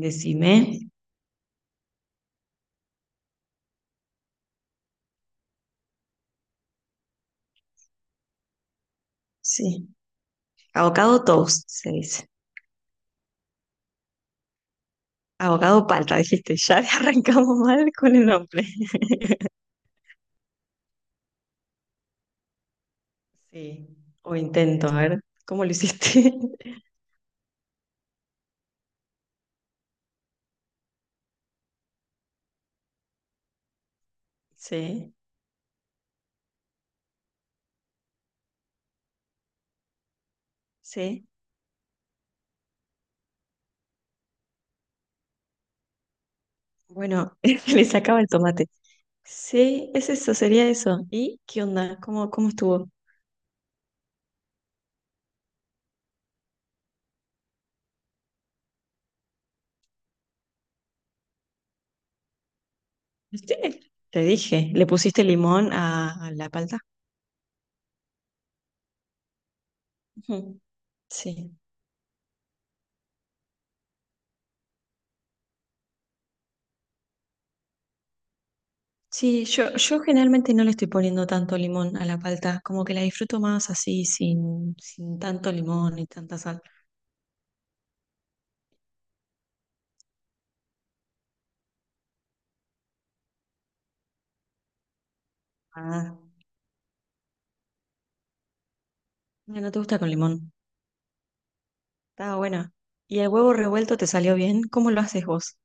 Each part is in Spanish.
Decime. Sí. Avocado toast, se dice. Avocado palta, dijiste. Ya arrancamos mal con el nombre. Sí. O intento, a ver, ¿cómo lo hiciste? Sí, sí. Bueno, le sacaba el tomate. Sí, es eso, sería eso. ¿Y qué onda? ¿Cómo estuvo? ¿Viste? Te dije, ¿le pusiste limón a la palta? Ujú. Sí. Sí, yo generalmente no le estoy poniendo tanto limón a la palta, como que la disfruto más así, sin tanto limón y tanta sal. Ah, mira, no te gusta con limón. Está buena. ¿Y el huevo revuelto te salió bien? ¿Cómo lo haces vos?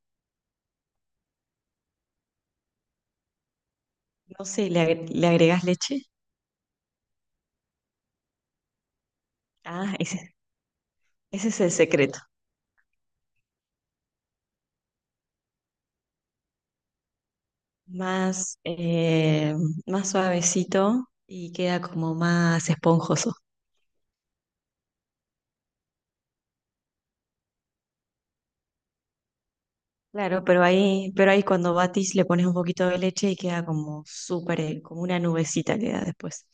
No sé, ¿le agregás leche? Ah, ese es el secreto. Más, eh, más suavecito y queda como más esponjoso. Claro, pero ahí cuando batís le pones un poquito de leche y queda como súper, como una nubecita queda después.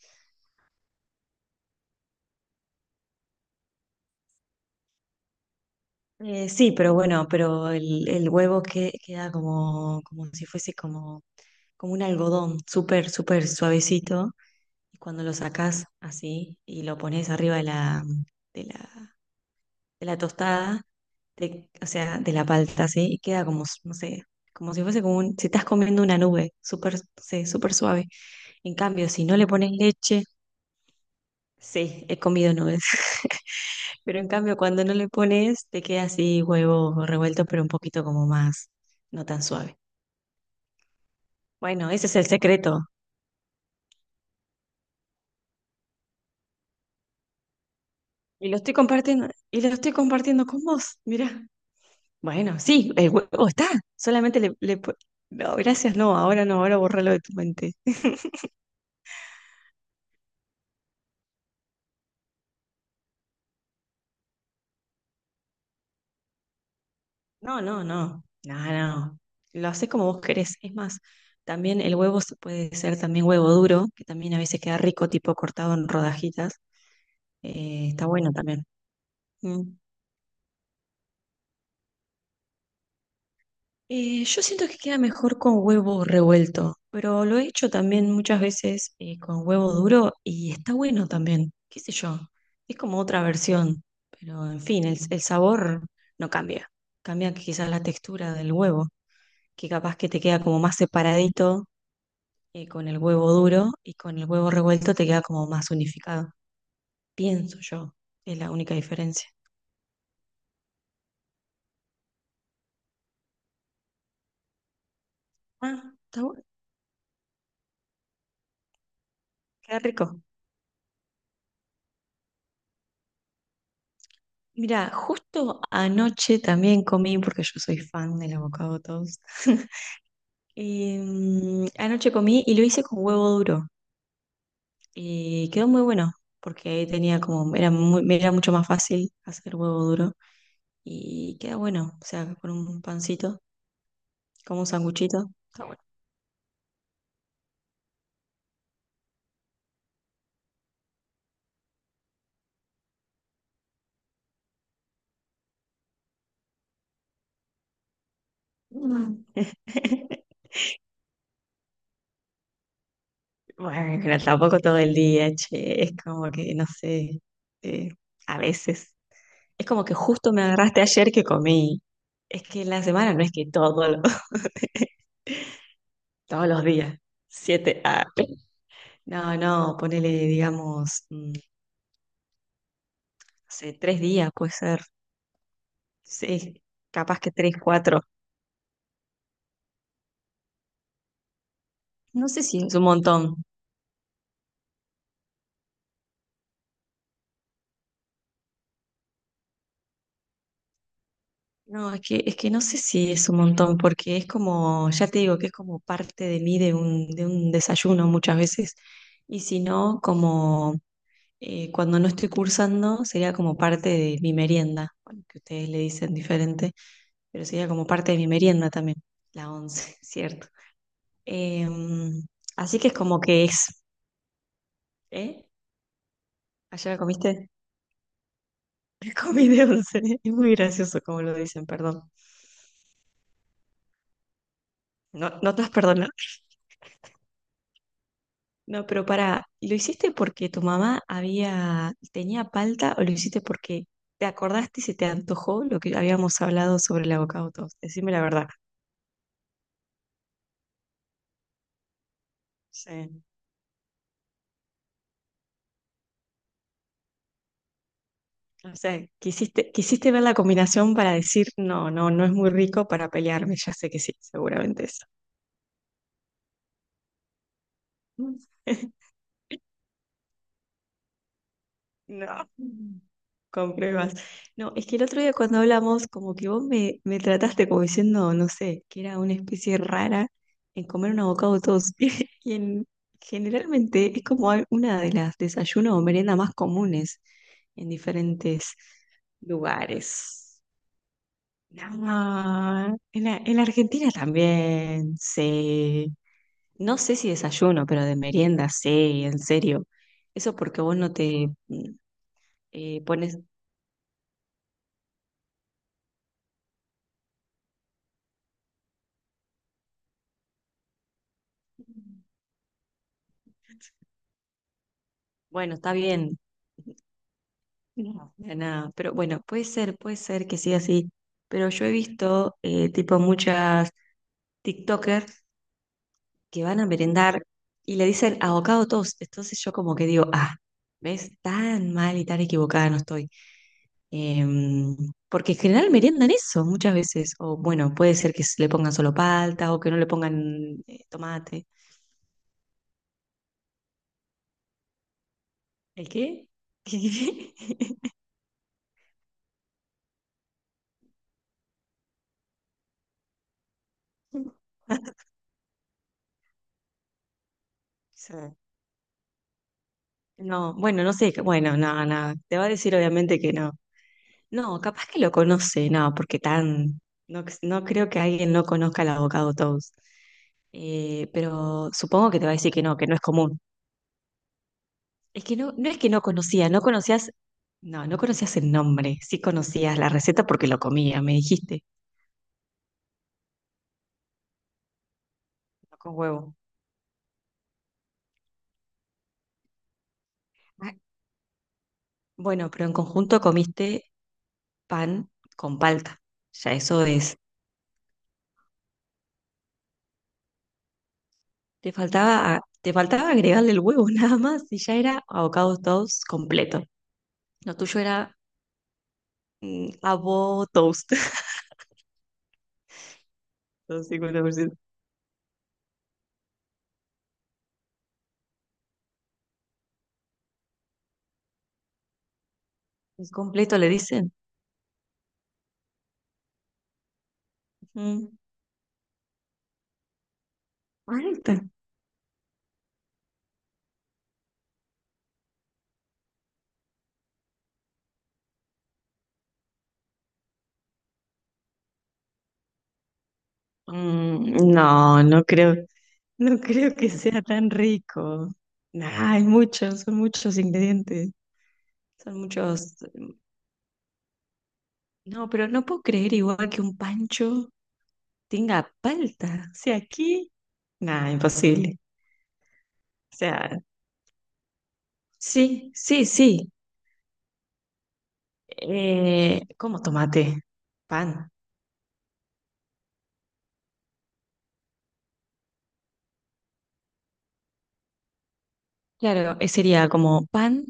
Sí, pero bueno, pero el huevo que, queda como, como, si fuese como un algodón, súper, súper suavecito. Y cuando lo sacás así y lo pones arriba de la, de la tostada, o sea, de la palta, así, y queda como, no sé, como si fuese como un, si estás comiendo una nube, súper, sí, súper suave. En cambio, si no le pones leche, sí, he comido nubes. Pero en cambio, cuando no le pones, te queda así huevo revuelto, pero un poquito como más, no tan suave. Bueno, ese es el secreto. Y lo estoy compartiendo, y lo estoy compartiendo con vos, mirá. Bueno, sí, el huevo está. Solamente le— No, gracias, no, ahora no, ahora bórralo de tu mente. No, no, no, no, no. Lo haces como vos querés. Es más, también el huevo se puede ser también huevo duro, que también a veces queda rico, tipo cortado en rodajitas. Está bueno también. Mm. Yo siento que queda mejor con huevo revuelto, pero lo he hecho también muchas veces con huevo duro y está bueno también, qué sé yo, es como otra versión, pero en fin, el sabor no cambia, cambia quizás la textura del huevo, que capaz que te queda como más separadito con el huevo duro y con el huevo revuelto te queda como más unificado, pienso yo, es la única diferencia. Ah, está bueno, queda rico. Mira, justo anoche también comí, porque yo soy fan del avocado toast. Y, anoche comí y lo hice con huevo duro. Y quedó muy bueno, porque tenía como, era me era mucho más fácil hacer huevo duro. Y queda bueno, o sea, con un pancito, como un sanguchito. Está bueno. Mm. Bueno, pero tampoco todo el día, che. Es como que, no sé, eh, a veces. Es como que justo me agarraste ayer que comí. Es que la semana no es que todos los, todos los días, siete, no, no, ponele, digamos, no sé, tres días puede ser, sí, capaz que tres, cuatro, no sé si es un montón, no, es que no sé si es un montón, porque es como, ya te digo, que es como parte de mí de un, desayuno muchas veces, y si no, como cuando no estoy cursando, sería como parte de mi merienda, bueno, que ustedes le dicen diferente pero sería como parte de mi merienda también, la once, ¿cierto? Eh, Así que es como que es, ¿eh? ¿Ayer la comiste? Comí de once, es muy gracioso como lo dicen, perdón. No, no te vas a No, pero para, ¿lo hiciste porque tu mamá había, tenía palta o lo hiciste porque te acordaste y se te antojó lo que habíamos hablado sobre el avocado toast? Decime la verdad. Sí. O sea, quisiste ver la combinación para decir, no, no, no es muy rico para pelearme, ya sé que sí, seguramente No. Con pruebas. No, es que el otro día cuando hablamos, como que vos me trataste como diciendo, no sé, que era una especie rara en comer un avocado toast. Y generalmente es como una de las desayunos o meriendas más comunes en diferentes lugares. No, en la, Argentina también, sí. No sé si desayuno, pero de merienda, sí, en serio. Eso porque vos no te, pones, bueno, está bien, no, de nada, pero bueno, puede ser que siga así, pero yo he visto tipo muchas TikTokers que van a merendar y le dicen avocado toast, entonces yo como que digo, ah, ¿ves? Tan mal y tan equivocada no estoy. Em, Porque en general meriendan eso muchas veces, o bueno, puede ser que le pongan solo palta o que no le pongan tomate. ¿El qué? ¿Qué? No, bueno, no sé, bueno, no, no, te va a decir obviamente que no. No, capaz que lo conoce, no, porque tan, no, no creo que alguien no conozca al abogado Toast. Pero supongo que te va a decir que no es común. Es que no, no es que no conocía, no conocías, no, no conocías el nombre, sí conocías la receta porque lo comía, me dijiste, no con huevo. Ah, bueno, pero en conjunto comiste pan con palta. Ya eso es Te faltaba, te faltaba agregarle el huevo nada más y ya era avocado toast completo. Lo tuyo era avo toast, los 50%. ¿Es completo le dicen? Ujú. Ahí, no, no creo que sea tan rico. Nah, hay muchos, son muchos ingredientes, son muchos. No, pero no puedo creer igual que un pancho tenga palta. O sea, aquí, nah, imposible. O sea, sí, sí, sí. ¿Cómo tomate? Pan. Claro, sería como pan,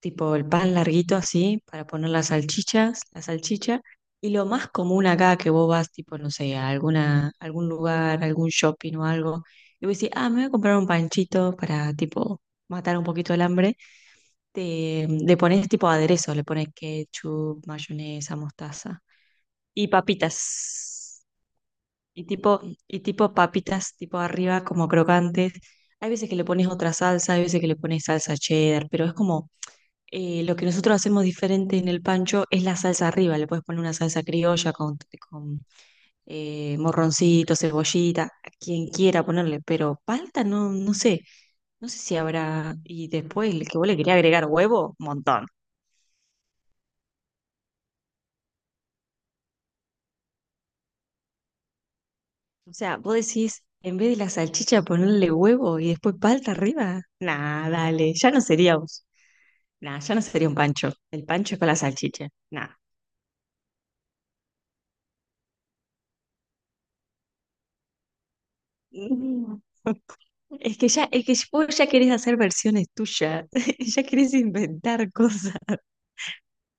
tipo el pan larguito así, para poner las salchichas, la salchicha. Y lo más común acá que vos vas, tipo, no sé, a alguna, algún lugar, algún shopping o algo, y vos decís, ah, me voy a comprar un panchito para, tipo, matar un poquito el hambre. Te, le pones, tipo, aderezo, le pones ketchup, mayonesa, mostaza y papitas. Y tipo, y tipo papitas, tipo arriba, como crocantes. Hay veces que le pones otra salsa, hay veces que le pones salsa cheddar, pero es como lo que nosotros hacemos diferente en el pancho es la salsa arriba. Le puedes poner una salsa criolla con, con morroncito, cebollita, a quien quiera ponerle, pero palta no, no sé, si habrá. Y después el que vos le quería agregar huevo, montón. O sea, vos decís, en vez de la salchicha ponerle huevo y después palta arriba, nada, dale, ya no sería Nah, ya no sería un pancho. El pancho es con la salchicha. Nah. Mm. Es que vos ya querés hacer versiones tuyas, ya querés inventar cosas.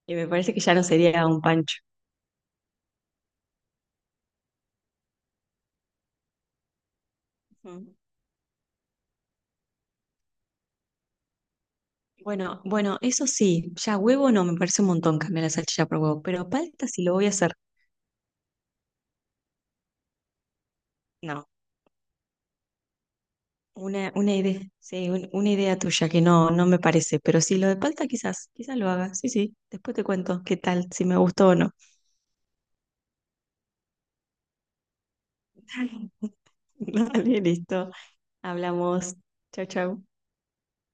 Y me parece que ya no sería un pancho. Ujú. Bueno, bueno, eso sí, ya huevo no, me parece un montón cambiar la salchicha por huevo, pero palta sí lo voy a hacer. No, una idea, sí, una idea tuya que no, no me parece, pero sí, lo de palta quizás, lo haga. Sí, sí, después te cuento qué tal, si me gustó o no. Dale, listo. Hablamos. Chao, chao.